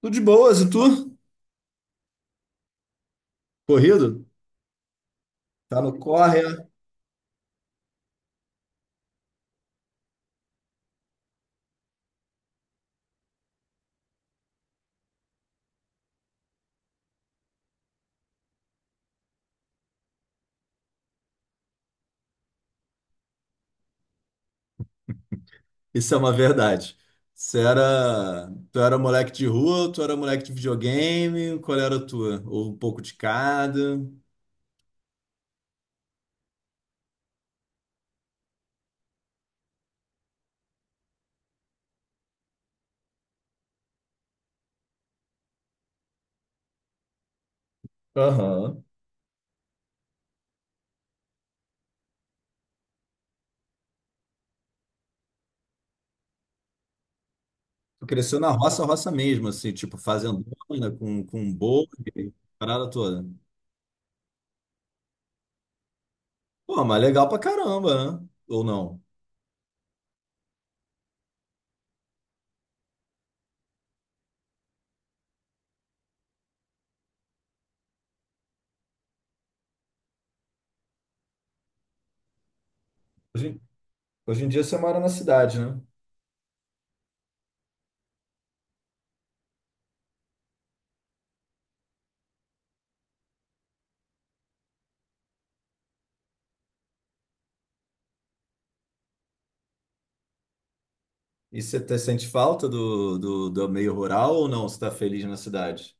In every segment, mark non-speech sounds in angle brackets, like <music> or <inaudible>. Tudo de boas, e tu? Corrido? Tá no corre? É? Isso é uma verdade. Tu era moleque de rua, tu era moleque de videogame, qual era a tua? Ou um pouco de cada? Aham. Tu cresceu na roça, roça mesmo, assim, tipo fazendona, com boi, parada toda. Pô, mas legal pra caramba, né? Ou não? Hoje, hoje em dia você mora na cidade, né? E você sente falta do meio rural ou não? Você tá feliz na cidade?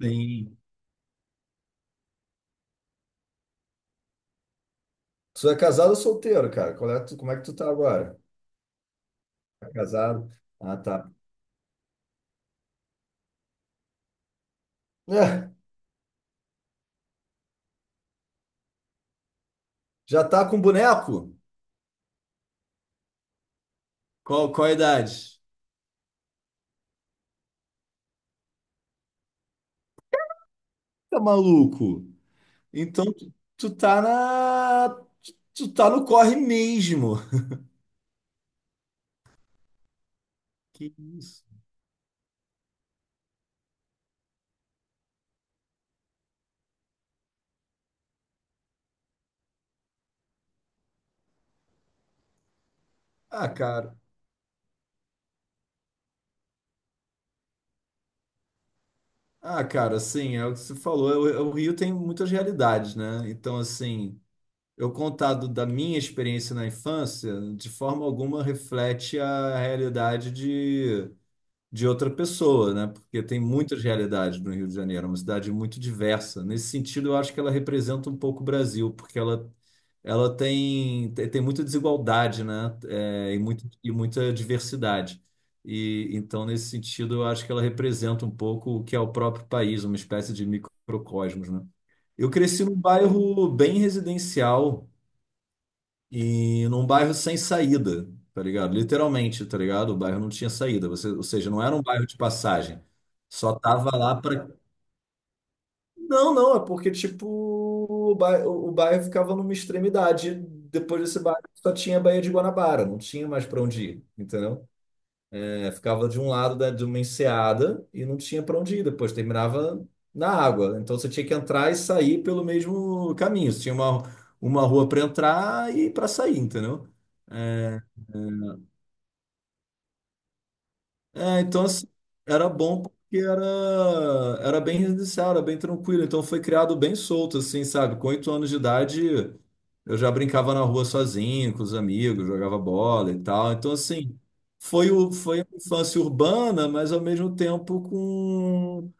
Sim. Tu é casado ou solteiro, cara? Como é que tu tá agora? Tá casado? Ah, tá. <laughs> É, já tá com boneco? Qual, qual a idade? Tá maluco? Então tu, tu tá na. Tu tá no corre mesmo. Que isso? Ah, cara. Ah, cara, assim, é o que você falou. É o Rio tem muitas realidades, né? Então, assim, eu contado da minha experiência na infância, de forma alguma reflete a realidade de outra pessoa, né? Porque tem muitas realidades no Rio de Janeiro, é uma cidade muito diversa. Nesse sentido, eu acho que ela representa um pouco o Brasil, porque ela tem, tem muita desigualdade, né? É, e muita diversidade. E então, nesse sentido, eu acho que ela representa um pouco o que é o próprio país, uma espécie de microcosmos, né? Eu cresci num bairro bem residencial e num bairro sem saída, tá ligado? Literalmente, tá ligado? O bairro não tinha saída, você, ou seja, não era um bairro de passagem. Só tava lá para. Não, não, é porque, tipo, o bairro ficava numa extremidade. Depois desse bairro só tinha a Baía de Guanabara, não tinha mais para onde ir, entendeu? É, ficava de um lado da, de uma enseada e não tinha para onde ir depois, terminava na água. Então você tinha que entrar e sair pelo mesmo caminho. Você tinha uma rua para entrar e para sair, entendeu? É, é. É, então assim, era bom porque era, era bem residencial, era bem tranquilo. Então foi criado bem solto, assim, sabe? Com 8 anos de idade, eu já brincava na rua sozinho, com os amigos, jogava bola e tal. Então, assim, foi, o, foi a infância urbana, mas ao mesmo tempo com.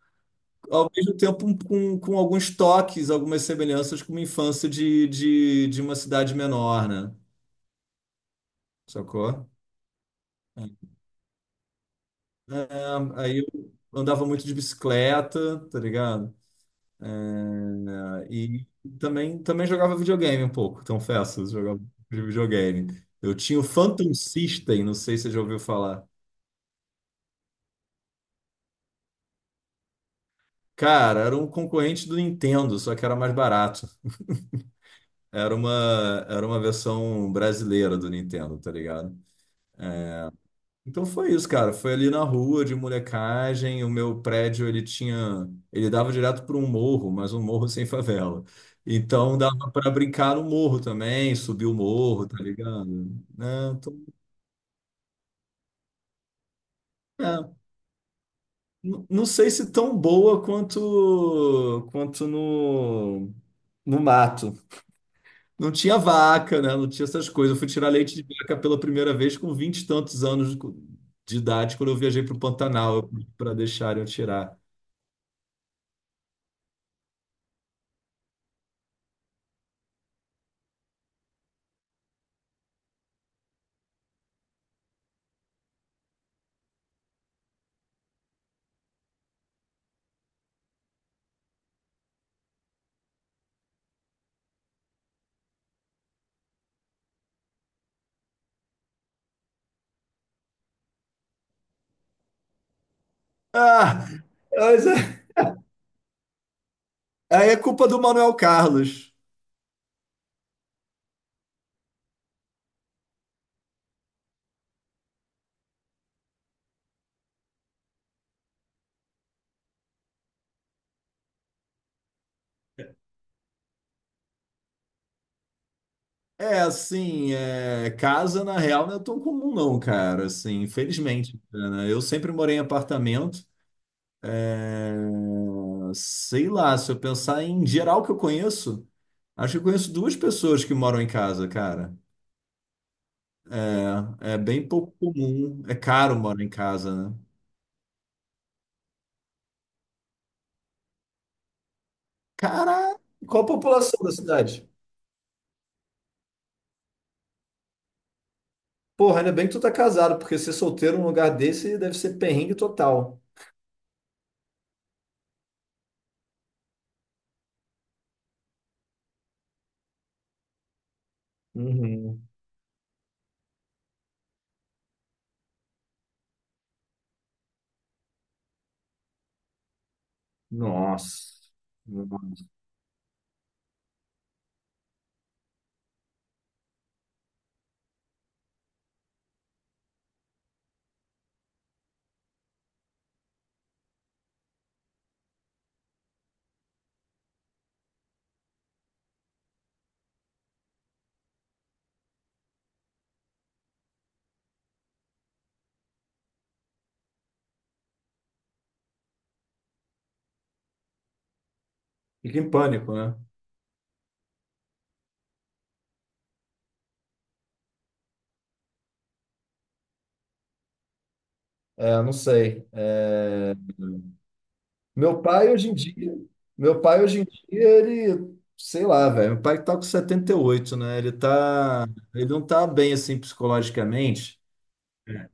Ao mesmo tempo com, alguns toques, algumas semelhanças com uma infância de uma cidade menor, né? Sacou? É, aí eu andava muito de bicicleta, tá ligado? E também jogava videogame um pouco, confesso, eu jogava de videogame. Eu tinha o Phantom System, não sei se você já ouviu falar. Cara, era um concorrente do Nintendo, só que era mais barato. Era uma versão brasileira do Nintendo, tá ligado? Então foi isso, cara. Foi ali na rua de molecagem. O meu prédio, ele tinha. Ele dava direto para um morro, mas um morro sem favela. Então dava para brincar no morro também, subir o morro, tá ligado? Né? Então, é. Não sei se tão boa quanto no mato. Não tinha vaca, né? Não tinha essas coisas. Eu fui tirar leite de vaca pela primeira vez com vinte e tantos anos de idade, quando eu viajei para o Pantanal para deixarem eu tirar. Ah, mas é- aí é culpa do Manuel Carlos. É assim, é, casa na real não é tão comum não, cara. Assim, infelizmente, né? Eu sempre morei em apartamento. É, sei lá, se eu pensar em geral que eu conheço, acho que eu conheço duas pessoas que moram em casa, cara. É é bem pouco comum. É caro morar em casa, né? Cara, qual a população da cidade? Porra, ainda bem que tu tá casado, porque ser solteiro num lugar desse deve ser perrengue total. Uhum. Nossa. Nossa. Fica em pânico, né? É, não sei. É... Meu pai hoje em dia, meu pai hoje em dia, ele, sei lá, velho, meu pai tá com 78, né? Ele tá, ele não tá bem assim psicologicamente.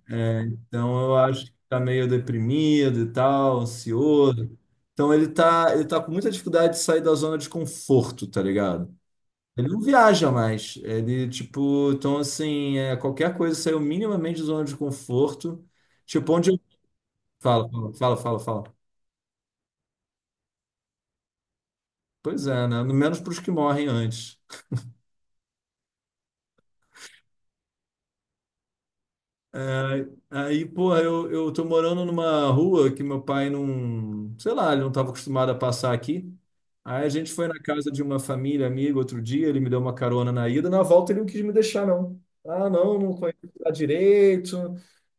Né? Então eu acho que tá meio deprimido e tal, ansioso. Então ele tá com muita dificuldade de sair da zona de conforto, tá ligado? Ele não viaja mais. Ele, tipo, então assim, é, qualquer coisa saiu minimamente da zona de conforto. Tipo, onde eu... Fala, fala, fala, fala, fala. Pois é, né? No menos para os que morrem antes. Aí, porra, eu tô morando numa rua que meu pai não, sei lá, ele não estava acostumado a passar aqui. Aí a gente foi na casa de uma família, amigo, outro dia, ele me deu uma carona na ida, na volta ele não quis me deixar, não. Ah, não, não conheço lá direito.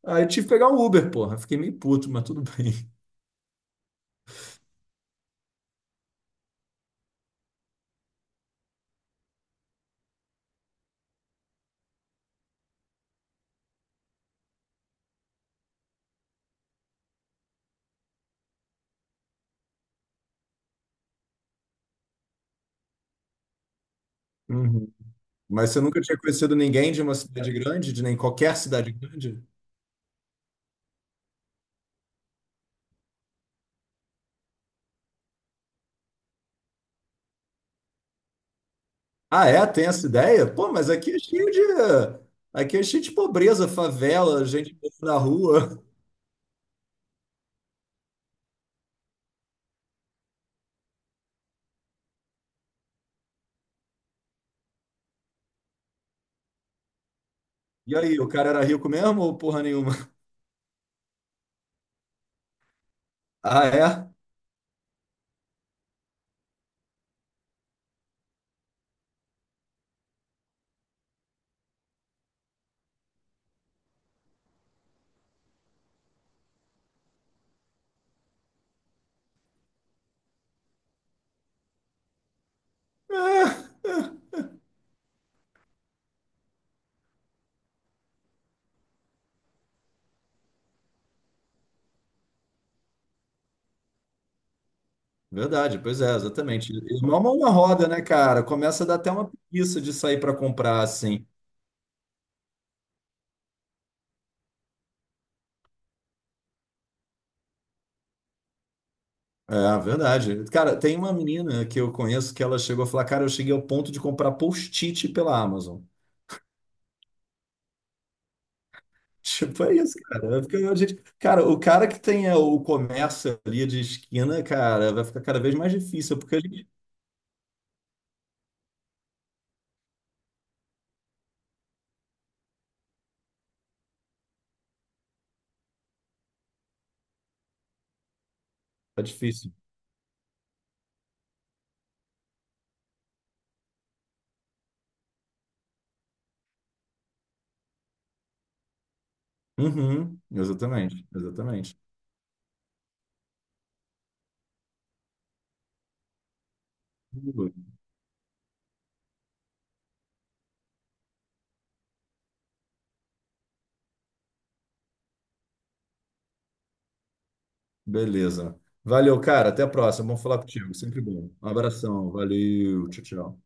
Aí eu tive que pegar um Uber, porra. Fiquei meio puto, mas tudo bem. Uhum. Mas você nunca tinha conhecido ninguém de uma cidade grande, de nem qualquer cidade grande? Ah, é? Tem essa ideia? Pô, mas aqui é cheio de. Aqui é cheio de pobreza, favela, gente na rua. E aí, o cara era rico mesmo ou porra nenhuma? <laughs> Ah, é? É, é. Verdade, pois é, exatamente. Irmão mão uma roda, né, cara? Começa a dar até uma preguiça de sair para comprar, assim. É, verdade. Cara, tem uma menina que eu conheço que ela chegou a falar, cara, eu cheguei ao ponto de comprar post-it pela Amazon. <laughs> Tipo, é isso, cara. Eu fico- a gente- Cara, o cara que tem é, o comércio ali de esquina, cara, vai ficar cada vez mais difícil, porque a gente... Tá difícil. Uhum, exatamente, exatamente. Beleza. Valeu, cara. Até a próxima. Vamos falar contigo. Sempre bom. Um abração. Valeu. Tchau, tchau.